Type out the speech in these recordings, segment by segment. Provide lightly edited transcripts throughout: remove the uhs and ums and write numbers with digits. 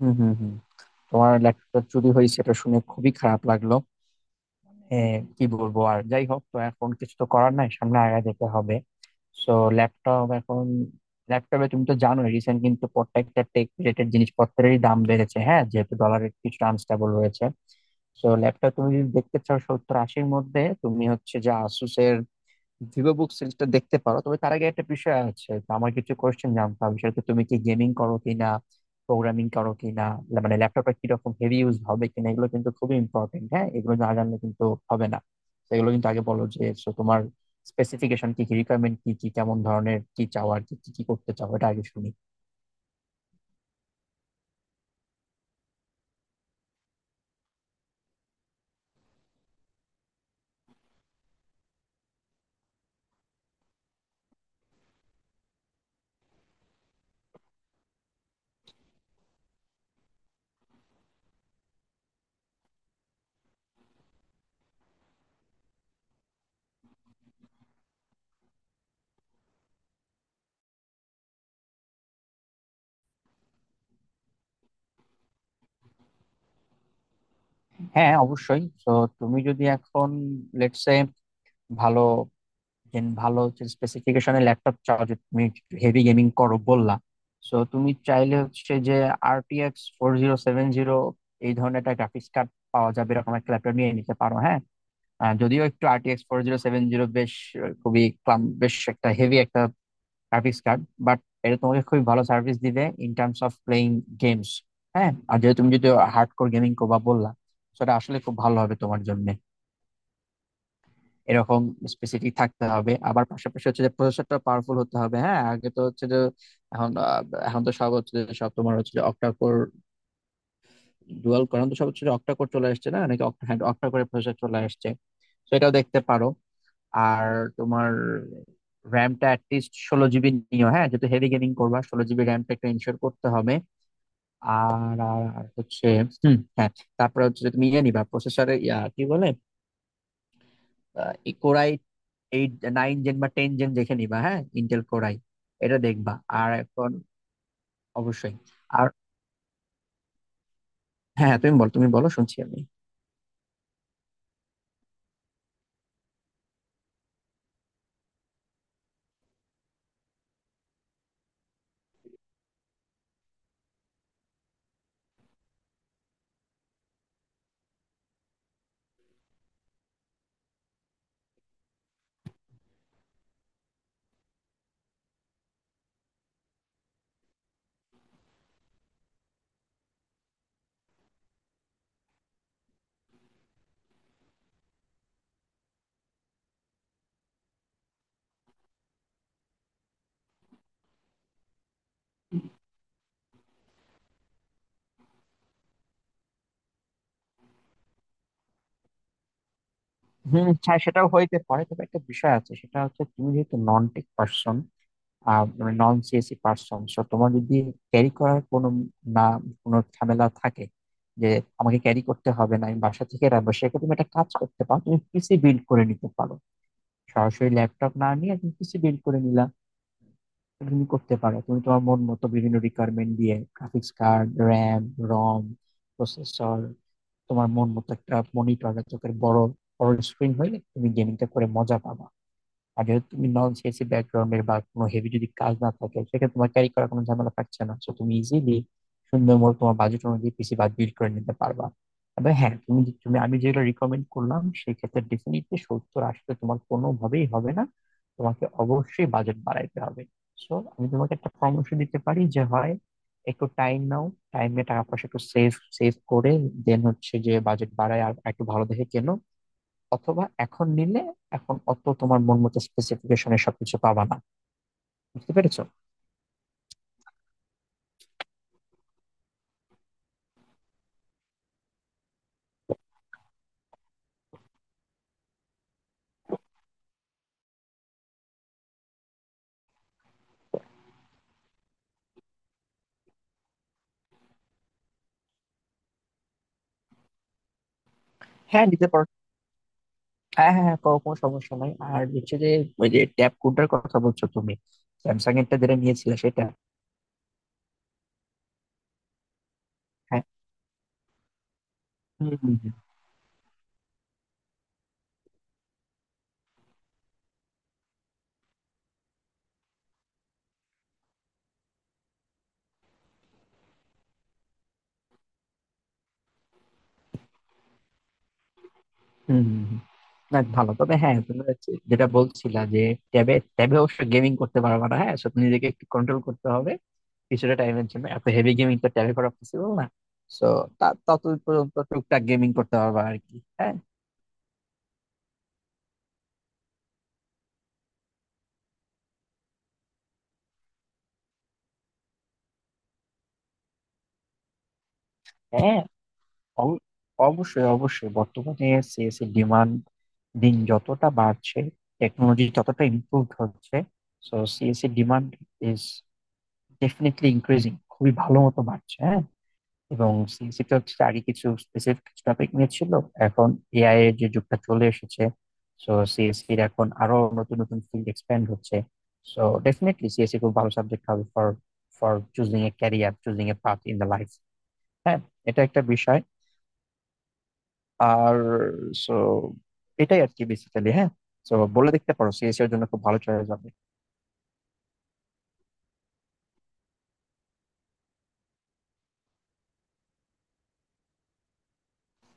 হুম, হুম, হুম। তোমার ল্যাপটপ চুরি হয়েছে, এটা শুনে খুবই খারাপ লাগলো। হ্যাঁ, কি বলবো, আর যাই হোক তো এখন কিছু তো করার নাই, সামনে আগায় যেতে হবে। সো ল্যাপটপ এখন ল্যাপটপে তুমি তো জানোই রিসেন্ট কিন্তু প্রত্যেকটা টেক রিলেটেড জিনিসপত্রেরই দাম বেড়েছে, হ্যাঁ, যেহেতু ডলারের কিছুটা আনস্টেবল রয়েছে। সো ল্যাপটপ তুমি যদি দেখতে চাও 70-80 মধ্যে, তুমি হচ্ছে যে আসুসের ভিভো বুক সিরিজটা দেখতে পারো। তবে তার আগে একটা বিষয় আছে, তো আমার কিছু কোয়েশ্চেন জানতে হবে। সেটা হচ্ছে তুমি কি গেমিং করো কিনা, প্রোগ্রামিং করো কিনা, মানে ল্যাপটপটা কিরকম হেভি ইউজ হবে কিনা। এগুলো কিন্তু খুবই ইম্পর্টেন্ট, হ্যাঁ, এগুলো না জানলে কিন্তু হবে না। তো এগুলো কিন্তু আগে বলো যে so তোমার স্পেসিফিকেশন কি কি, রিকোয়ারমেন্ট কি কি, কেমন ধরনের কি চাও, আর কি কি কি করতে চাও, এটা আগে শুনি। হ্যাঁ, অবশ্যই। তো তুমি যদি এখন লেটস সে ভালো, দেন ভালো হচ্ছে স্পেসিফিকেশনের ল্যাপটপ চাও, যে তুমি হেভি গেমিং করো বললা, সো তুমি চাইলে হচ্ছে যে RTX 4070 এই ধরনের একটা গ্রাফিক্স কার্ড পাওয়া যাবে, এরকম একটা ল্যাপটপ নিয়ে নিতে পারো। হ্যাঁ, যদিও একটু RTX 4070 বেশ খুবই ক্লাম, বেশ একটা হেভি একটা গ্রাফিক্স কার্ড, বাট এটা তোমাকে খুবই ভালো সার্ভিস দিবে in terms of playing games. হ্যাঁ, আর যেহেতু তুমি যদি হার্ডকোর গেমিং করবা বললা, সেটা আসলে খুব ভালো হবে তোমার জন্য। এরকম স্পেসিফিক থাকতে হবে, আবার পাশাপাশি হচ্ছে যে প্রসেসরটা পাওয়ারফুল হতে হবে। হ্যাঁ, আগে তো হচ্ছে যে এখন এখন তো সব হচ্ছে যে সব তোমার হচ্ছে যে অক্টা কোর, ডুয়াল কোর। এখন তো সব হচ্ছে যে অক্টা কোর চলে আসছে না নাকি অক্টা, হ্যাঁ অক্টা কোরে প্রসেসর চলে আসছে। তো এটাও দেখতে পারো। আর তোমার র্যামটা অ্যাটলিস্ট 16 GB নিও। হ্যাঁ, যেহেতু হেভি গেমিং করবা, 16 GB র্যামটা একটা ইনশিওর করতে হবে। আর আর আর হচ্ছে, হুম, হ্যাঁ, তারপরে হচ্ছে যে তুমি ইয়ে নিবা প্রসেসরে, কি বলে, কোরাই এইট নাইন জেন বা টেন জেন দেখে নিবা। হ্যাঁ, ইন্টেল কোর আই এটা দেখবা। আর এখন অবশ্যই, আর হ্যাঁ হ্যাঁ, তুমি বল, তুমি বলো, শুনছি আমি। হুম, হ্যাঁ, সেটাও হইতে পারে। তবে একটা বিষয় আছে, সেটা হচ্ছে তুমি যেহেতু নন টেক পার্সন, মানে নন সিএসি পার্সন, সো তোমার যদি ক্যারি করার কোনো না কোনো ঝামেলা থাকে যে আমাকে ক্যারি করতে হবে না, আমি বাসা থেকে রাখবো, সেক্ষেত্রে তুমি একটা কাজ করতে পারো, তুমি পিসি বিল্ড করে নিতে পারো। সরাসরি ল্যাপটপ না নিয়ে তুমি পিসি বিল্ড করে নিলা, তুমি করতে পারো। তুমি তোমার মন মতো বিভিন্ন রিকোয়ারমেন্ট দিয়ে graphics card, RAM, ROM, processor, তোমার মন মতো একটা মনিটর, চোখের বড় বড় স্ক্রিন হইলে তুমি গেমিংটা করে মজা পাবা। আর যেহেতু তুমি নন সিএসসি ব্যাকগ্রাউন্ডের বা কোনো হেভি যদি কাজ না থাকে, সেক্ষেত্রে তোমার ক্যারি করার কোনো ঝামেলা থাকছে না, সো তুমি ইজিলি সুন্দর মতো তোমার বাজেট অনুযায়ী পিসি বাদ বিল্ড করে নিতে পারবা। তবে হ্যাঁ, তুমি, আমি যেগুলো রিকমেন্ড করলাম সেক্ষেত্রে ডেফিনেটলি 70-80 হাজারে তোমার কোনোভাবেই হবে না, তোমাকে অবশ্যই বাজেট বাড়াইতে হবে। সো আমি তোমাকে একটা পরামর্শ দিতে পারি যে হয় একটু টাইম নাও, টাইম নিয়ে টাকা পয়সা একটু সেভ সেভ করে দেন হচ্ছে যে বাজেট বাড়ায় আর একটু ভালো দেখে কেনো। অথবা এখন নিলে এখন অত তোমার মন মতো স্পেসিফিকেশনে সবকিছু পাবা না, বুঝতে পেরেছো। হ্যাঁ, নিতে পারো। হ্যাঁ হ্যাঁ হ্যাঁ, কোনো কোনো সমস্যা নাই। আর হচ্ছে যে ওই যে ট্যাব কোডটার কথা বলছো তুমি, স্যামসাং এরটা যেটা নিয়েছিলে সেটা। হ্যাঁ, হুম, হুম, হুম। হুম, হুম, হুম। না, ভালো। তবে হ্যাঁ, তুমি হচ্ছে যেটা বলছিলা যে ট্যাবে ট্যাবে অবশ্য গেমিং করতে পারবা না। হ্যাঁ, সো নিজেকে একটু কন্ট্রোল করতে হবে কিছুটা টাইমের জন্য। এত হেভি গেমিং তো ট্যাবে করা পসিবল না। সো তত পর্যন্ত টুকটাক গেমিং করতে পারবা আর কি। হ্যাঁ, হ্যাঁ, অব- অবশ্যই, অবশ্যই। বর্তমানে সিএস এর ডিমান্ড দিন যতটা বাড়ছে, টেকনোলজি ততটা ইমপ্রুভ হচ্ছে, সো সিএস এর ডিমান্ড ইজ ডেফিনেটলি ইনক্রিজিং, খুবই ভালো মতো বাড়ছে। হ্যাঁ, এবং সিএসসি তো হচ্ছে আগে কিছু স্পেসিফিক কিছু টপিক নিয়ে ছিল। এখন এআই এর যে যুগটা চলে এসেছে, সো সিএসসি এর এখন আরো নতুন নতুন ফিল্ড এক্সপ্যান্ড হচ্ছে। সো ডেফিনেটলি সিএসসি খুব ভালো সাবজেক্ট হবে for for choosing a career, choosing a path in the life. হ্যাঁ, এটা একটা বিষয়। আর সো এটাই আর কি বেসিক্যালি। হ্যাঁ, তো বলে দেখতে পারো, সিএসি এর জন্য খুব ভালো চয়েস হবে।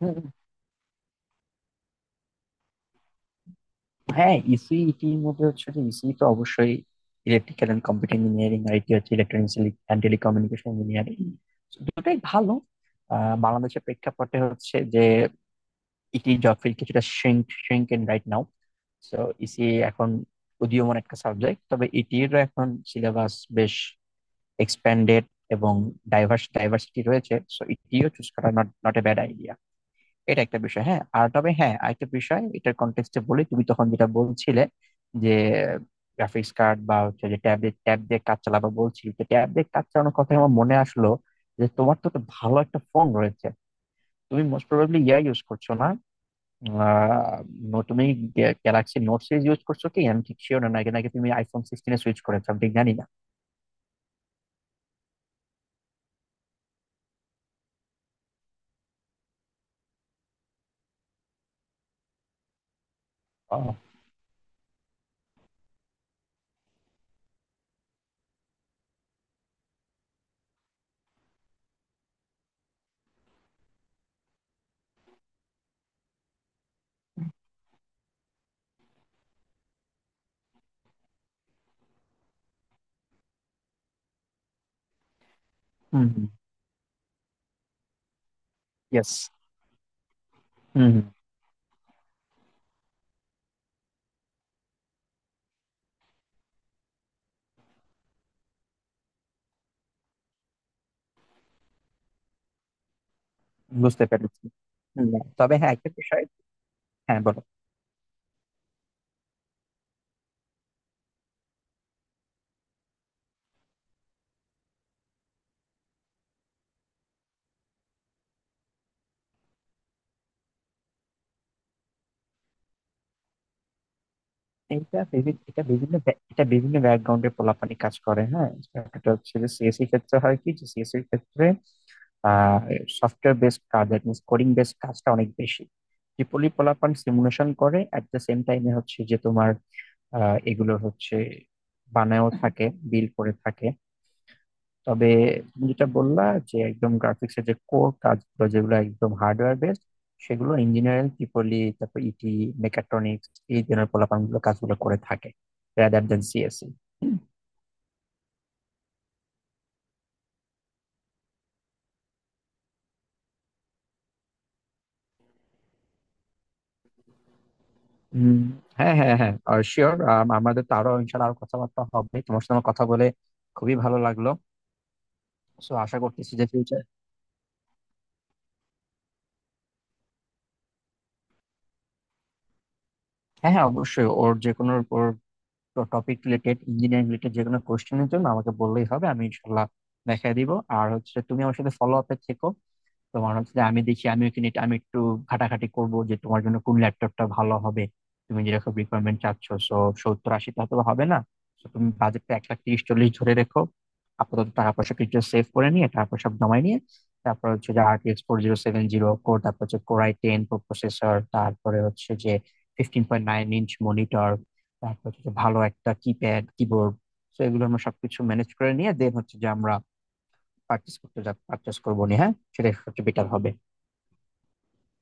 হুম, হ্যাঁ, ইসিইটি এর মধ্যে হচ্ছে যে ইসিই তো অবশ্যই electrical and computer engineering, IT হচ্ছে ইলেকট্রনিক্স অ্যান্ড টেলিকমিউনিকেশন ইঞ্জিনিয়ারিং। দুটোই ভালো। বাংলাদেশের প্রেক্ষাপটে হচ্ছে যে ইটি জব ফিল্ড কিছুটা shrink shrink in right now. So EC এখন উদীয়মান একটা সাবজেক্ট। তবে ইটির এখন সিলেবাস বেশ এক্সপ্যান্ডেড এবং ডাইভার্সিটি রয়েছে, সো এটিও চুজ করা not not a bad idea. এটা একটা বিষয়। হ্যাঁ, আর তবে হ্যাঁ, আরেকটা বিষয় এটার কন্টেক্সটে বলি, তুমি তখন যেটা বলছিলে যে গ্রাফিক্স কার্ড বা হচ্ছে যে ট্যাব দিয়ে কাজ চালাবা, বলছি যে ট্যাব দিয়ে কাজ চালানোর কথা আমার মনে আসলো যে তোমার তো একটা ভালো একটা ফোন রয়েছে, তুমি মোস্ট প্রবাবলি ইয়া ইউজ করছো না। আহ, তুমি গ্যালাক্সি নোট সিরিজ ইউজ করছো কি আমি ঠিক শিওর না, নাকি নাকি তুমি আইফোন 16-তে সুইচ করেছো আমি ঠিক জানি না। ও, হুম, ইয়েস, বুঝতে পেরেছি। হুম, তবে হ্যাঁ, একটা বিষয়। হ্যাঁ, বলো। এটা বিভিন্ন ব্যাকগ্রাউন্ডে পোলাপানি কাজ করে। হ্যাঁ, এটা হচ্ছে যে সিএসসি ক্ষেত্রে হয় কি যে সিএসসি ক্ষেত্রে আহ সফটওয়্যার বেসড কাজ দ্যাট মিনস কোডিং বেসড কাজটা অনেক বেশি। ট্রিপলি পোলাপান সিমুলেশন করে এট দ্য সেম টাইমে, হচ্ছে যে তোমার এগুলো হচ্ছে বানায়ও থাকে, বিল করে থাকে। তবে তুমি যেটা বললা যে একদম গ্রাফিক্স এর যে কোর কাজগুলো, যেগুলো একদম হার্ডওয়্যার বেসড, সেগুলো ইঞ্জিনিয়ারিং ট্রিপলি, তারপর ইটি, মেকাট্রনিক্স, এই ধরনের পোলাপান গুলো কাজগুলো করে থাকে, রাদার দেন সিএসসি। হম, হ্যাঁ হ্যাঁ হ্যাঁ, শিওর। আমাদের তো আরো ইনশাল্লাহ আরো কথাবার্তা হবে। তোমার সাথে আমার কথা বলে খুবই ভালো লাগলো। সো আশা করতেছি যে ফিউচার, হ্যাঁ হ্যাঁ, অবশ্যই ওর যে কোনো ওর টপিক রিলেটেড ইঞ্জিনিয়ারিং রিলেটেড যে কোনো কোয়েশ্চেনের জন্য আমাকে বললেই হবে, আমি ইনশাল্লাহ দেখাই দিব। আর হচ্ছে তুমি আমার সাথে ফলো আপে থেকো। তোমার হচ্ছে যে আমি দেখি, আমি কিনে আমি একটু ঘাটাঘাটি করব যে তোমার জন্য কোন ল্যাপটপটা ভালো হবে, তুমি যেরকম রিকোয়ারমেন্ট চাচ্ছ। সো 70-80 হাজারে হয়তো বা হবে না। তো তুমি বাজেটটা 1 লাখ 30-40 হাজার ধরে রেখো। আপাতত টাকা পয়সা কিছু সেভ করে নিয়ে, টাকা পয়সা জমাই নিয়ে, তারপর হচ্ছে যে RTX four zero seven zero core, তারপর হচ্ছে Core i10 প্রো প্রসেসর, তারপরে হচ্ছে যে 15.9 ইঞ্চ মনিটর, তারপর হচ্ছে যে ভালো একটা কিপ্যাড কিবোর্ড। তো এগুলো আমরা সবকিছু ম্যানেজ করে নিয়ে দেন হচ্ছে যে আমরা পার্চেস করতে যা পার্চেস করবো নি। হ্যাঁ, সেটা সবচেয়ে বেটার হবে।